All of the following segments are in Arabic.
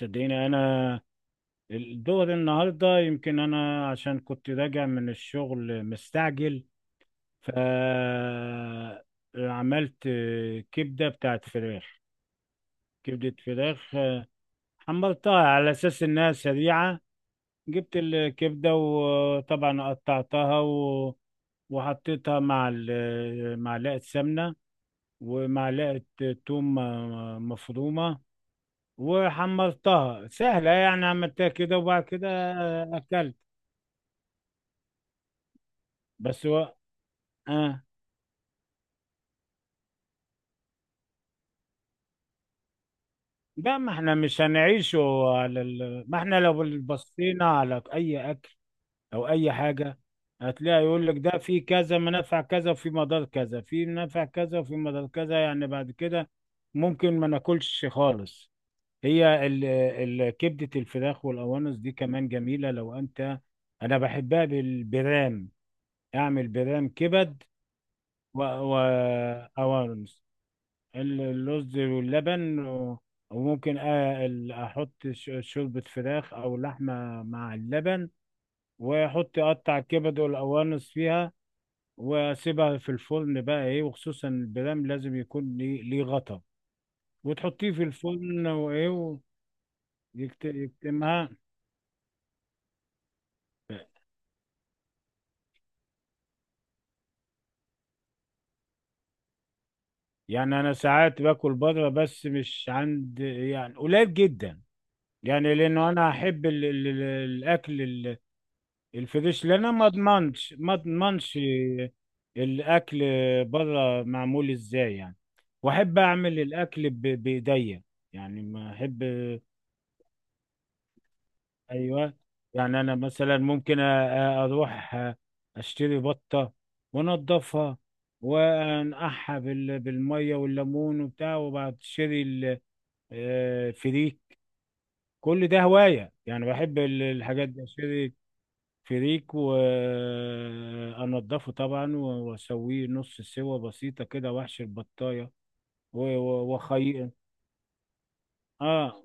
صدقيني، انا الدور النهارده يمكن انا عشان كنت راجع من الشغل مستعجل. ف عملت كبده بتاعت فراخ. كبده فراخ حمرتها على اساس انها سريعه. جبت الكبده وطبعا قطعتها وحطيتها مع معلقه سمنه ومعلقه توم مفرومه. وحمرتها سهله، يعني عملتها كده. وبعد كده اكلت بس هو. اه. لا، ما احنا مش هنعيشه ما احنا لو بصينا على اي اكل او اي حاجه هتلاقي يقول لك ده في كذا منافع كذا وفي مضار كذا، في منافع كذا وفي مضار كذا، يعني بعد كده ممكن ما ناكلش خالص. هي كبده الفراخ والقوانص دي كمان جميله. لو انت، انا بحبها بالبرام، اعمل برام كبد. و... و... اللوز واللبن، وممكن احط شوربة فراخ او لحمة مع اللبن، واحط اقطع الكبد والقوانص فيها، واسيبها في الفرن بقى ايه. وخصوصا البرام لازم يكون ليه غطا، وتحطيه في الفرن وايه، ويكتمها. يعني انا ساعات باكل بره، بس مش عند، يعني قليل جدا. يعني لانه انا احب الاكل الفريش. لان انا ما اضمنش الاكل بره معمول ازاي يعني. واحب اعمل الاكل بايديا، يعني ما احب. ايوه، يعني انا مثلا ممكن اروح اشتري بطه، وانضفها، وانقعها بالميه والليمون وبتاع، وبعد اشتري فريك. كل ده هوايه، يعني بحب الحاجات دي. اشتري فريك وانضفه طبعا، واسويه نص سوا بسيطه كده، واحشي البطايه وخي. اه،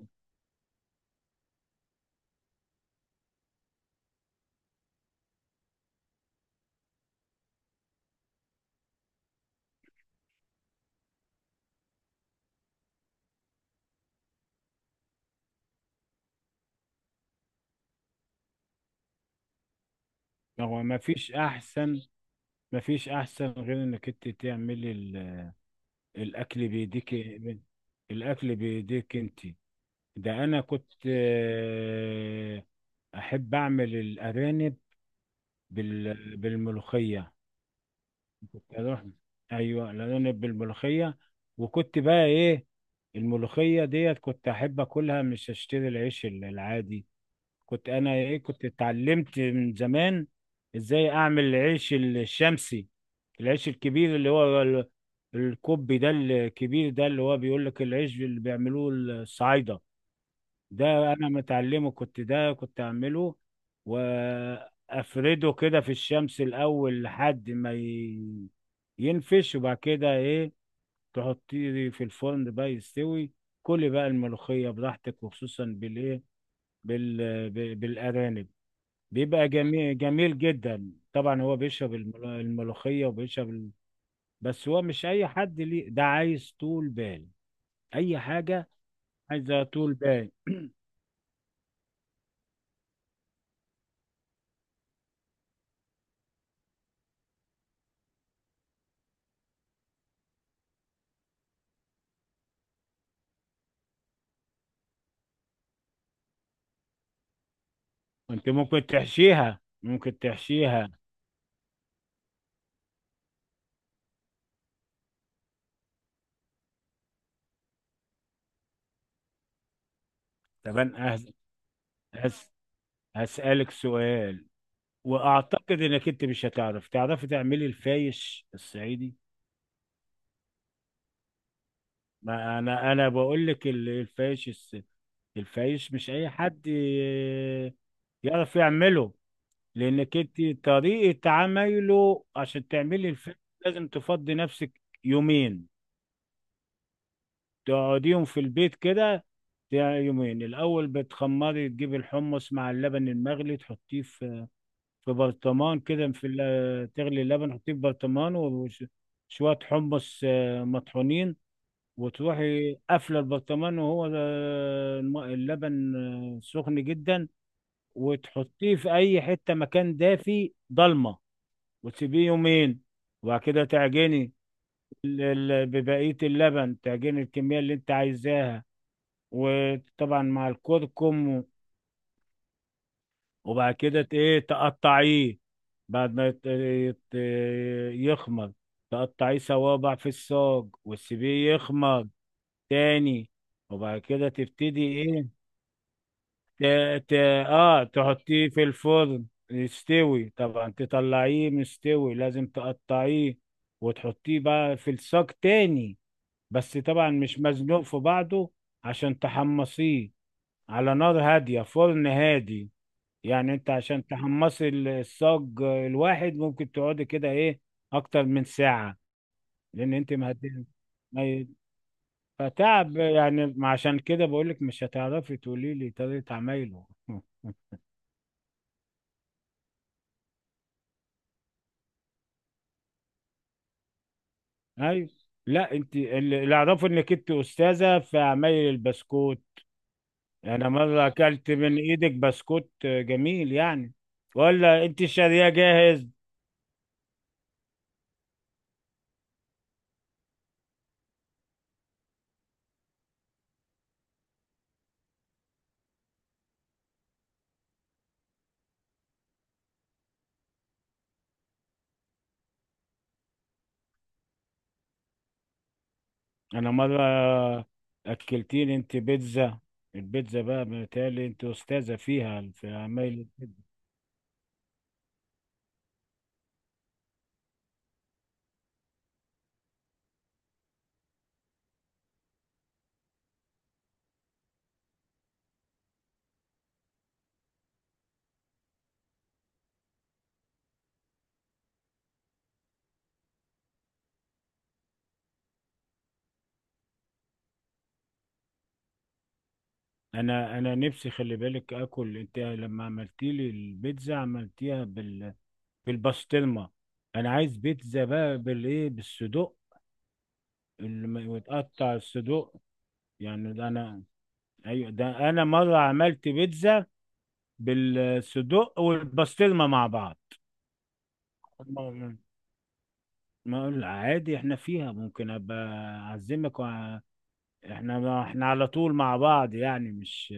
هو ما فيش احسن غير انك انت تعملي الاكل بايديك، الاكل بايديك انت. ده انا كنت احب اعمل الارانب بالملوخيه. كنت اروح، ايوه، الارانب بالملوخيه، وكنت بقى ايه. الملوخيه ديت كنت احب اكلها، مش اشتري العيش العادي. كنت انا ايه، كنت اتعلمت من زمان ازاي اعمل العيش الشمسي، العيش الكبير اللي هو الكوبي ده، الكبير ده اللي هو بيقول لك العيش اللي بيعملوه الصعايدة ده. انا متعلمه، كنت ده كنت اعمله. وافرده كده في الشمس الاول لحد ما ينفش، وبعد كده ايه، تحطيه في الفرن بقى يستوي. كلي بقى الملوخية براحتك، وخصوصا بالايه، بال... بالارانب. بيبقى جميل جميل جدا طبعا. هو بيشرب الملوخية وبيشرب بس هو مش أي حد ليه ده، عايز طول بال أي حاجة، عايزة طول بال. أنت ممكن تحشيها طب أنا هس... هسألك سؤال. وأعتقد إنك أنت مش هتعرف تعرفي تعملي الفايش الصعيدي. ما أنا بقول لك الفايش مش أي حد يعرف يعمله. لانك انت طريقه عمايله. عشان تعملي الفيلم لازم تفضي نفسك يومين، تقعديهم في البيت كده. يومين الاول بتخمري، تجيبي الحمص مع اللبن المغلي تحطيه في برطمان كده. تغلي اللبن تحطيه في برطمان، وشويه حمص مطحونين. وتروحي قافله البرطمان، وهو اللبن سخن جدا. وتحطيه في اي حته، مكان دافي ضلمه، وتسيبيه يومين. وبعد كده تعجني ببقية اللبن، تعجني الكمية اللي انت عايزاها، وطبعا مع الكركم. وبعد كده ايه تقطعيه، بعد ما يخمر، تقطعيه صوابع في الصاج وتسيبيه يخمر تاني. وبعد كده تبتدي ايه، ت... ت... اه تحطيه في الفرن يستوي. طبعا تطلعيه مستوي، لازم تقطعيه وتحطيه بقى في الصاج تاني، بس طبعا مش مزنوق في بعضه عشان تحمصيه، على نار هادية، فرن هادي. يعني انت عشان تحمصي الصاج الواحد ممكن تقعدي كده ايه، اكتر من ساعة. لان انت ما هت- ما ي- فتعب يعني. عشان كده بقولك مش هتعرفي تقولي لي طريقة عمايله. ايوه. لا، انت اللي اعرفه انك انت استاذه في عمايل البسكوت. انا مره اكلت من ايدك بسكوت جميل يعني، ولا انت شاريه جاهز؟ انا مره اكلتيني انت بيتزا. البيتزا بقى، بالتالي انت استاذه فيها، في عمايل البيتزا. انا نفسي، خلي بالك، اكل انت لما عملتي لي البيتزا عملتيها بالبسطرمه. انا عايز بيتزا بقى بالايه، بالصدوق، اللي متقطع الصدوق. يعني ده انا، ايوه، ده انا مره عملت بيتزا بالصدق والبسطرمه مع بعض. ما ما اقول عادي، احنا فيها ممكن ابقى اعزمك احنا على طول مع بعض، يعني مش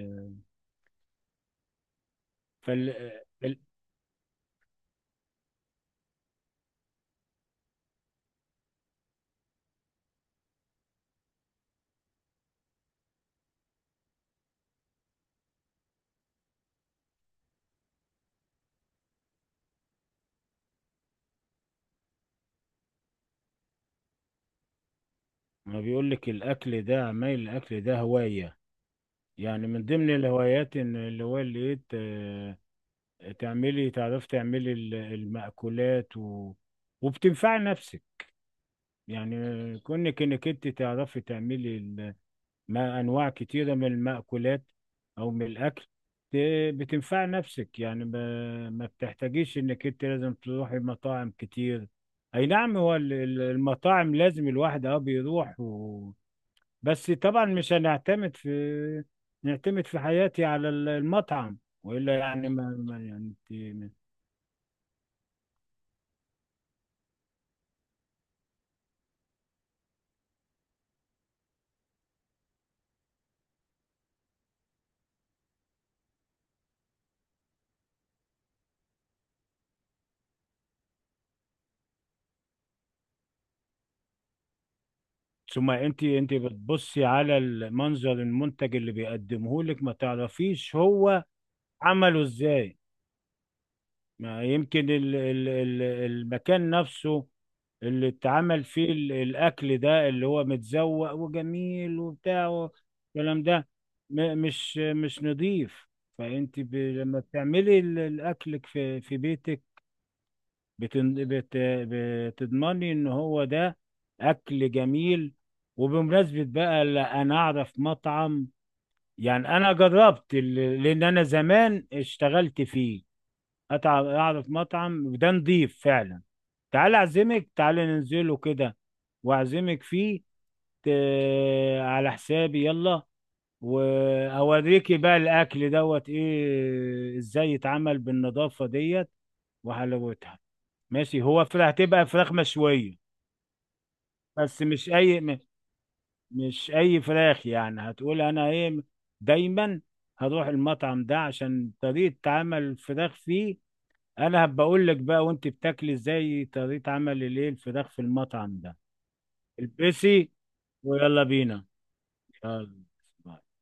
فال ال- ما بيقول لك الاكل ده، عمايل الاكل ده هوايه. يعني من ضمن الهوايات ان اللي هو اللي إيه تعرفي تعملي المأكولات وبتنفعي نفسك. يعني كونك انك انت تعرفي تعملي مع أنواع كتيرة من المأكولات أو من الأكل، ت- بتنفع نفسك يعني. ما بتحتاجيش إنك أنت لازم تروحي مطاعم كتير. أي نعم، هو المطاعم لازم الواحد بيروح بس طبعا مش هنعتمد في نعتمد في حياتي على المطعم، وإلا يعني ما يعني. انت ثم انت بتبصي على المنظر، المنتج اللي بيقدمه لك، ما تعرفيش هو عمله ازاي. ما يمكن المكان نفسه اللي اتعمل فيه الأكل ده، اللي هو متزوق وجميل وبتاع والكلام ده، مش نظيف. فأنت لما بتعملي الأكل في بيتك بتضمني إن هو ده أكل جميل. وبمناسبة بقى، لا أنا أعرف مطعم. يعني أنا جربت لأن أنا زمان اشتغلت فيه، اتعب، اعرف مطعم ده نضيف فعلا. تعال اعزمك، تعال ننزله كده واعزمك فيه ت... على حسابي، يلا. واوريكي بقى الاكل دوت ايه ازاي يتعمل بالنظافة ديت وحلاوتها. ماشي، هو فراخ، هتبقى فراخ مشوية. بس مش اي مش اي فراخ يعني. هتقول انا ايه؟ دايما هروح المطعم ده عشان طريقة تعامل الفراخ فيه. انا بقول لك بقى وانت بتاكلي ازاي طريقة عمل الايه الفراخ في المطعم ده. البسي، ويلا بينا، يلا باي.